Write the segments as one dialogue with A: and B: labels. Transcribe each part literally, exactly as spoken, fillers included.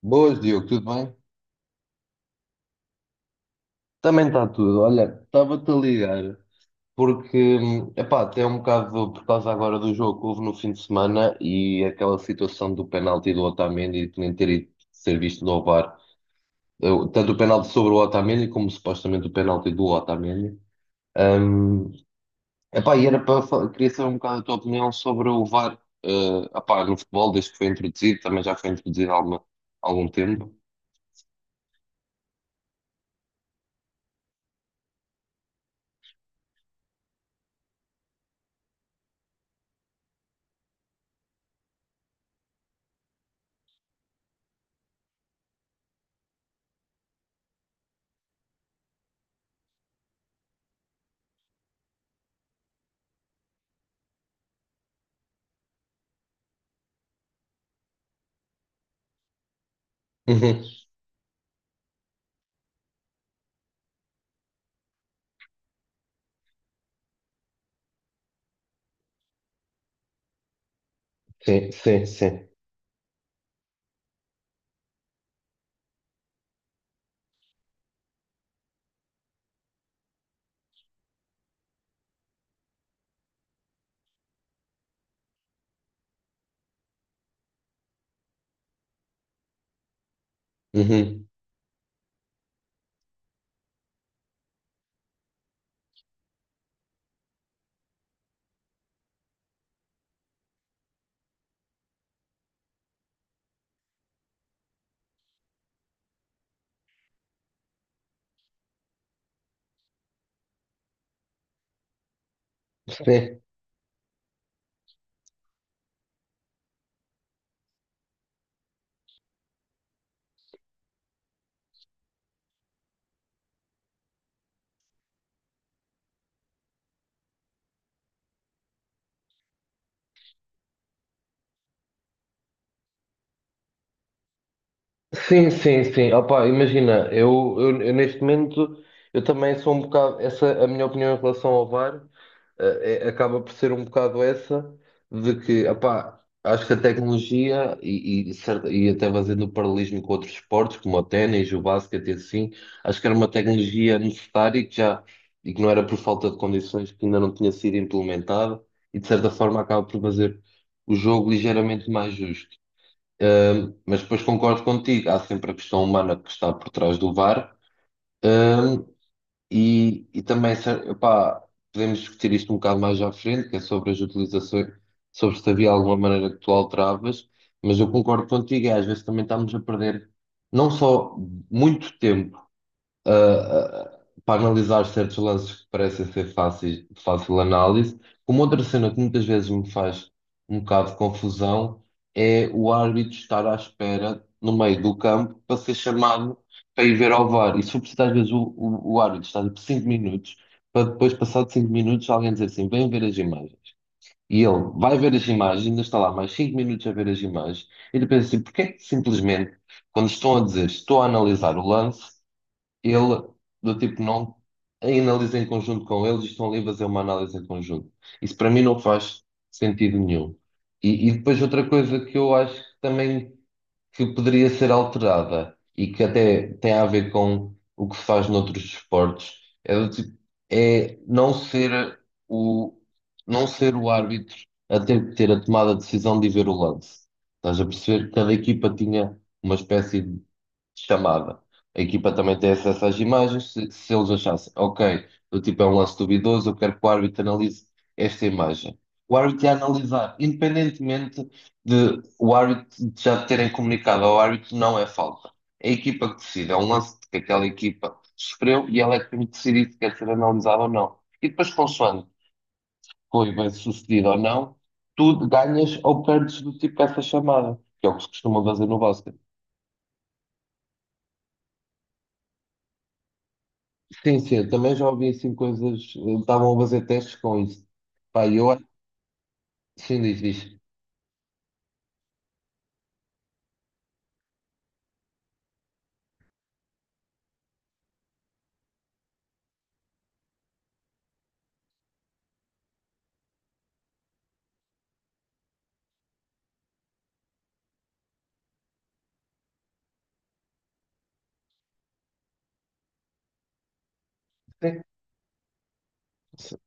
A: Boas, Diogo, tudo bem? Também está tudo. Olha, estava-te a ligar porque, hum, epá, até é um bocado por causa agora do jogo que houve no fim de semana e aquela situação do penalti do Otamendi de nem ter ido ser visto no VAR, Eu- tanto o penalti sobre o Otamendi como supostamente o penalti do Otamendi. Hum, epá, e era para, fa- queria saber um bocado a tua opinião sobre o VAR, eh, epá, no futebol, desde que foi introduzido, também já foi introduzido há alguma- algum tempo. Uhum. Sim, sim, sim. Uhum. Sim, sim, sim, sim. Opa, imagina, eu, eu, eu neste momento eu também sou um bocado. Essa, a minha opinião em relação ao VAR, eh, é- acaba por ser um bocado essa, de que, opá, acho que a tecnologia e, e, certa- e até fazendo o paralelismo com outros esportes, como o ténis, o basquete e assim, acho que era uma tecnologia necessária e que já e que não era por falta de condições que ainda não tinha sido implementada e de certa forma acaba por fazer o jogo ligeiramente mais justo. Um, mas depois concordo contigo, há sempre a questão humana que está por trás do VAR. Um, e, e também, se- epá, podemos discutir isto um bocado mais à frente, que é sobre as utilizações, sobre se havia alguma maneira que tu alteravas, mas eu concordo contigo, é, às vezes também estamos a perder não só muito tempo a- a- para analisar certos lances que parecem ser fáceis, de fácil análise. Uma outra cena que muitas vezes me faz um bocado de confusão é o árbitro estar à espera no meio do campo para ser chamado para ir ver ao VAR. E sobretudo às vezes o, o, o árbitro está por cinco minutos para depois, passado cinco minutos, alguém dizer assim, vem ver as imagens. E ele vai ver as imagens, ainda está lá mais cinco minutos a ver as imagens, e ele pensa assim, porque é que simplesmente, quando estão a dizer, estou a analisar o lance, ele, do tipo, não analisa em conjunto com eles e estão ali a fazer uma análise em conjunto. Isso para mim não faz sentido nenhum. E, e depois outra coisa que eu acho que também que poderia ser alterada e que até tem a ver com o que se faz noutros desportos é, do tipo, é não ser o, não ser o árbitro a ter que ter a tomada de decisão de ver o lance. Estás a perceber? Cada equipa tinha uma espécie chamada. A equipa também tem acesso às imagens. Se, se eles achassem, ok, o tipo é um lance duvidoso, eu quero que o árbitro analise esta imagem. O árbitro ia analisar, independentemente de o árbitro de já terem comunicado ao árbitro, não é falta. É a equipa que decide, é um lance que aquela equipa sofreu e ela é que tem que decidir se quer ser analisado ou não. E depois, consoante foi bem sucedido ou não, tu ganhas ou perdes do tipo essa chamada, que é o que se costuma fazer no basquete. Sim, sim, eu também já ouvi assim coisas. eh, Estavam a fazer testes com isso. Pá, eu. Sim, diz, diz. Sim.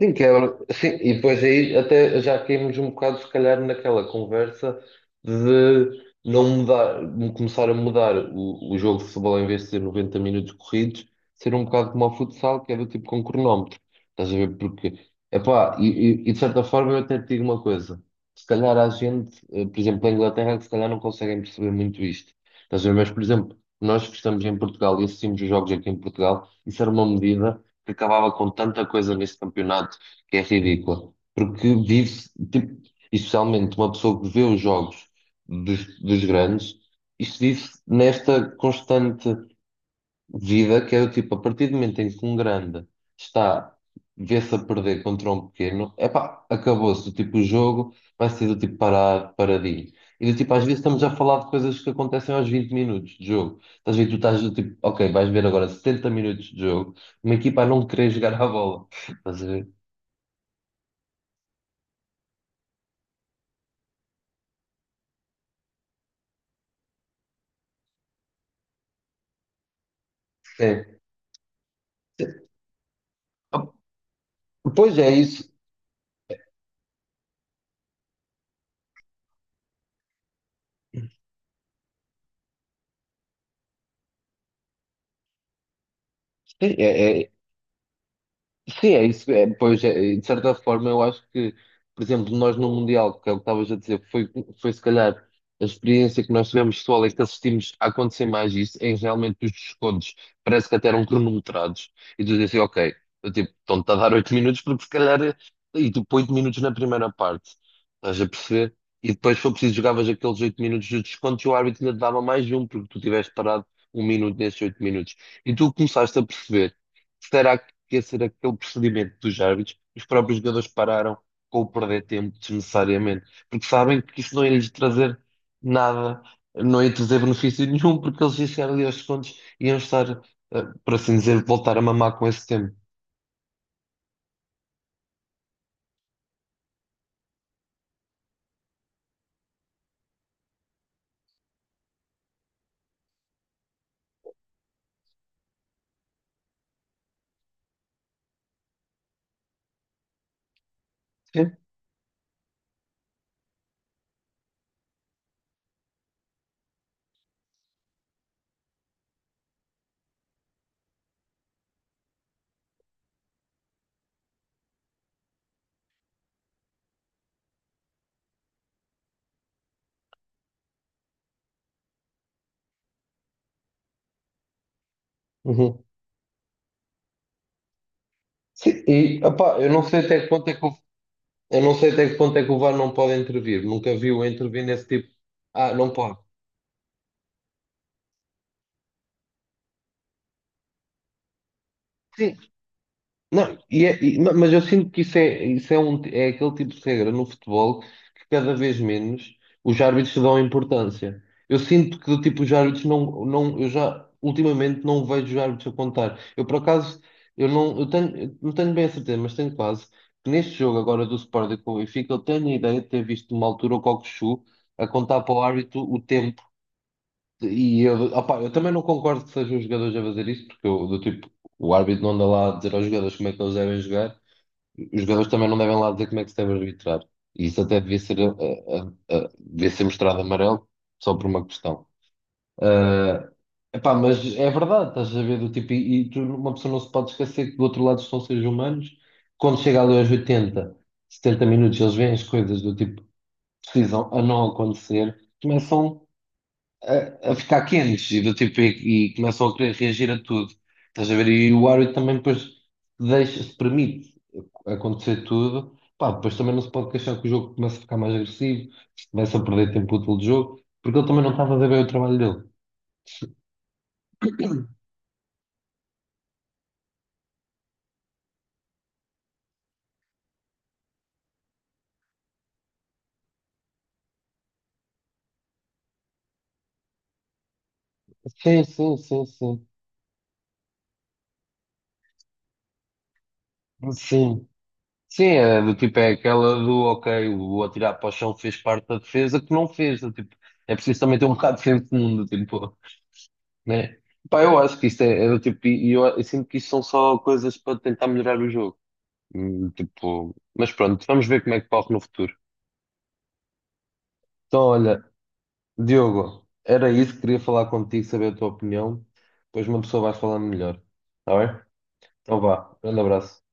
A: Sim, que é- sim, e depois aí até já caímos um bocado, se calhar, naquela conversa de não mudar, de começar a mudar o, o jogo de futebol em vez de ser noventa minutos corridos, ser um bocado como o futsal, que é do tipo com cronómetro. Estás a ver? Porque, epá, e, e, e de certa forma eu até te digo uma coisa: se calhar há gente, eh, por exemplo, na Inglaterra, que se calhar não conseguem perceber muito isto. Estás a ver? Mas, por exemplo, nós que estamos em Portugal e assistimos os jogos aqui em Portugal, isso era uma medida que acabava com tanta coisa neste campeonato que é ridícula. Porque vive-se, tipo, especialmente uma pessoa que vê os jogos dos, dos grandes, isto vive-se nesta constante vida que é do tipo, a partir do momento em que um grande está, vê-se a perder contra um pequeno, epá, acabou-se, do tipo, o jogo vai ser do tipo parado, paradinho. E do tipo, às vezes estamos a falar de coisas que acontecem aos vinte minutos de jogo. Estás a ver, tu estás do tipo, ok, vais ver agora setenta minutos de jogo, uma equipa a não querer jogar a bola. Estás a ver? É. Pois é isso. Sim, é, é, sim, é isso. É, pois, é, e de certa forma, eu acho que, por exemplo, nós no Mundial, que é o que estavas a dizer, foi, foi se calhar a experiência que nós tivemos pessoal é que assistimos a acontecer mais isso, em realmente os descontos parece que até eram cronometrados. E tu dizes assim, ok, eu, tipo, estão-te a dar oito minutos, porque se calhar. E tu põe oito minutos na primeira parte, estás a perceber? E depois, se for preciso, jogavas aqueles oito minutos de descontos e o árbitro ainda te dava mais um, porque tu tiveste parado um minuto nesses oito minutos. E tu começaste a perceber. Será que ia ser aquele procedimento dos árbitros, os próprios jogadores pararam com o perder tempo desnecessariamente, porque sabem que isso não ia lhes trazer nada, não ia trazer benefício nenhum, porque eles iam chegar ali aos segundos e iam estar, eh, por assim dizer, voltar a mamar com esse tempo. Sim. Uhum. Sim, e opá, eu não sei até que ponto é que o, eu não sei até que ponto é que o VAR não pode intervir. Nunca vi o intervir nesse tipo. Ah, não pode. Sim, não, e é- e- não, mas eu sinto que isso é, isso é, um, é aquele tipo de regra no futebol que cada vez menos os árbitros dão importância. Eu sinto que tipo, os árbitros não, não, eu já ultimamente não vejo os árbitros a contar. Eu por acaso eu não, eu tenho, eu não tenho bem a certeza, mas tenho quase que neste jogo agora do Sporting com o Benfica, eu tenho a ideia de ter visto numa altura o Cockchu a contar para o árbitro o tempo e eu, opá, eu também não concordo que sejam os jogadores a fazer isso, porque eu, do tipo, o árbitro não anda lá a dizer aos jogadores como é que eles devem jogar, os jogadores também não devem lá dizer como é que se deve arbitrar. E isso até devia ser, eh, eh, eh, devia ser mostrado amarelo só por uma questão. ah Epá, mas é verdade, estás a ver do tipo, e, e tu- uma pessoa não se pode esquecer que do outro lado estão seres humanos, quando chega ali aos oitenta, setenta minutos, eles veem as coisas do tipo, precisam a não acontecer, começam a, a ficar quentes e do tipo e, e começam a querer reagir a tudo. Estás a ver? E o árbitro também depois deixa, se permite acontecer tudo. Pá, depois também não se pode queixar que o jogo começa a ficar mais agressivo, se começa a perder tempo útil de jogo, porque ele também não está a fazer bem o trabalho dele. Sim, sim, sim, sim. Sim. Sim, é do tipo, é aquela do ok, o atirar para o chão fez parte da defesa que não fez. Do tipo, é preciso também ter um bocado de senso de mundo, tipo. Né? Pá, eu acho que isto é, é do tipo, e eu, eu sinto que isto são só coisas para tentar melhorar o jogo. Hum, Tipo, mas pronto, vamos ver como é que corre no futuro. Então, olha, Diogo, era isso, queria falar contigo, saber a tua opinião, depois uma pessoa vai falando melhor, está bem? Então vá, grande abraço.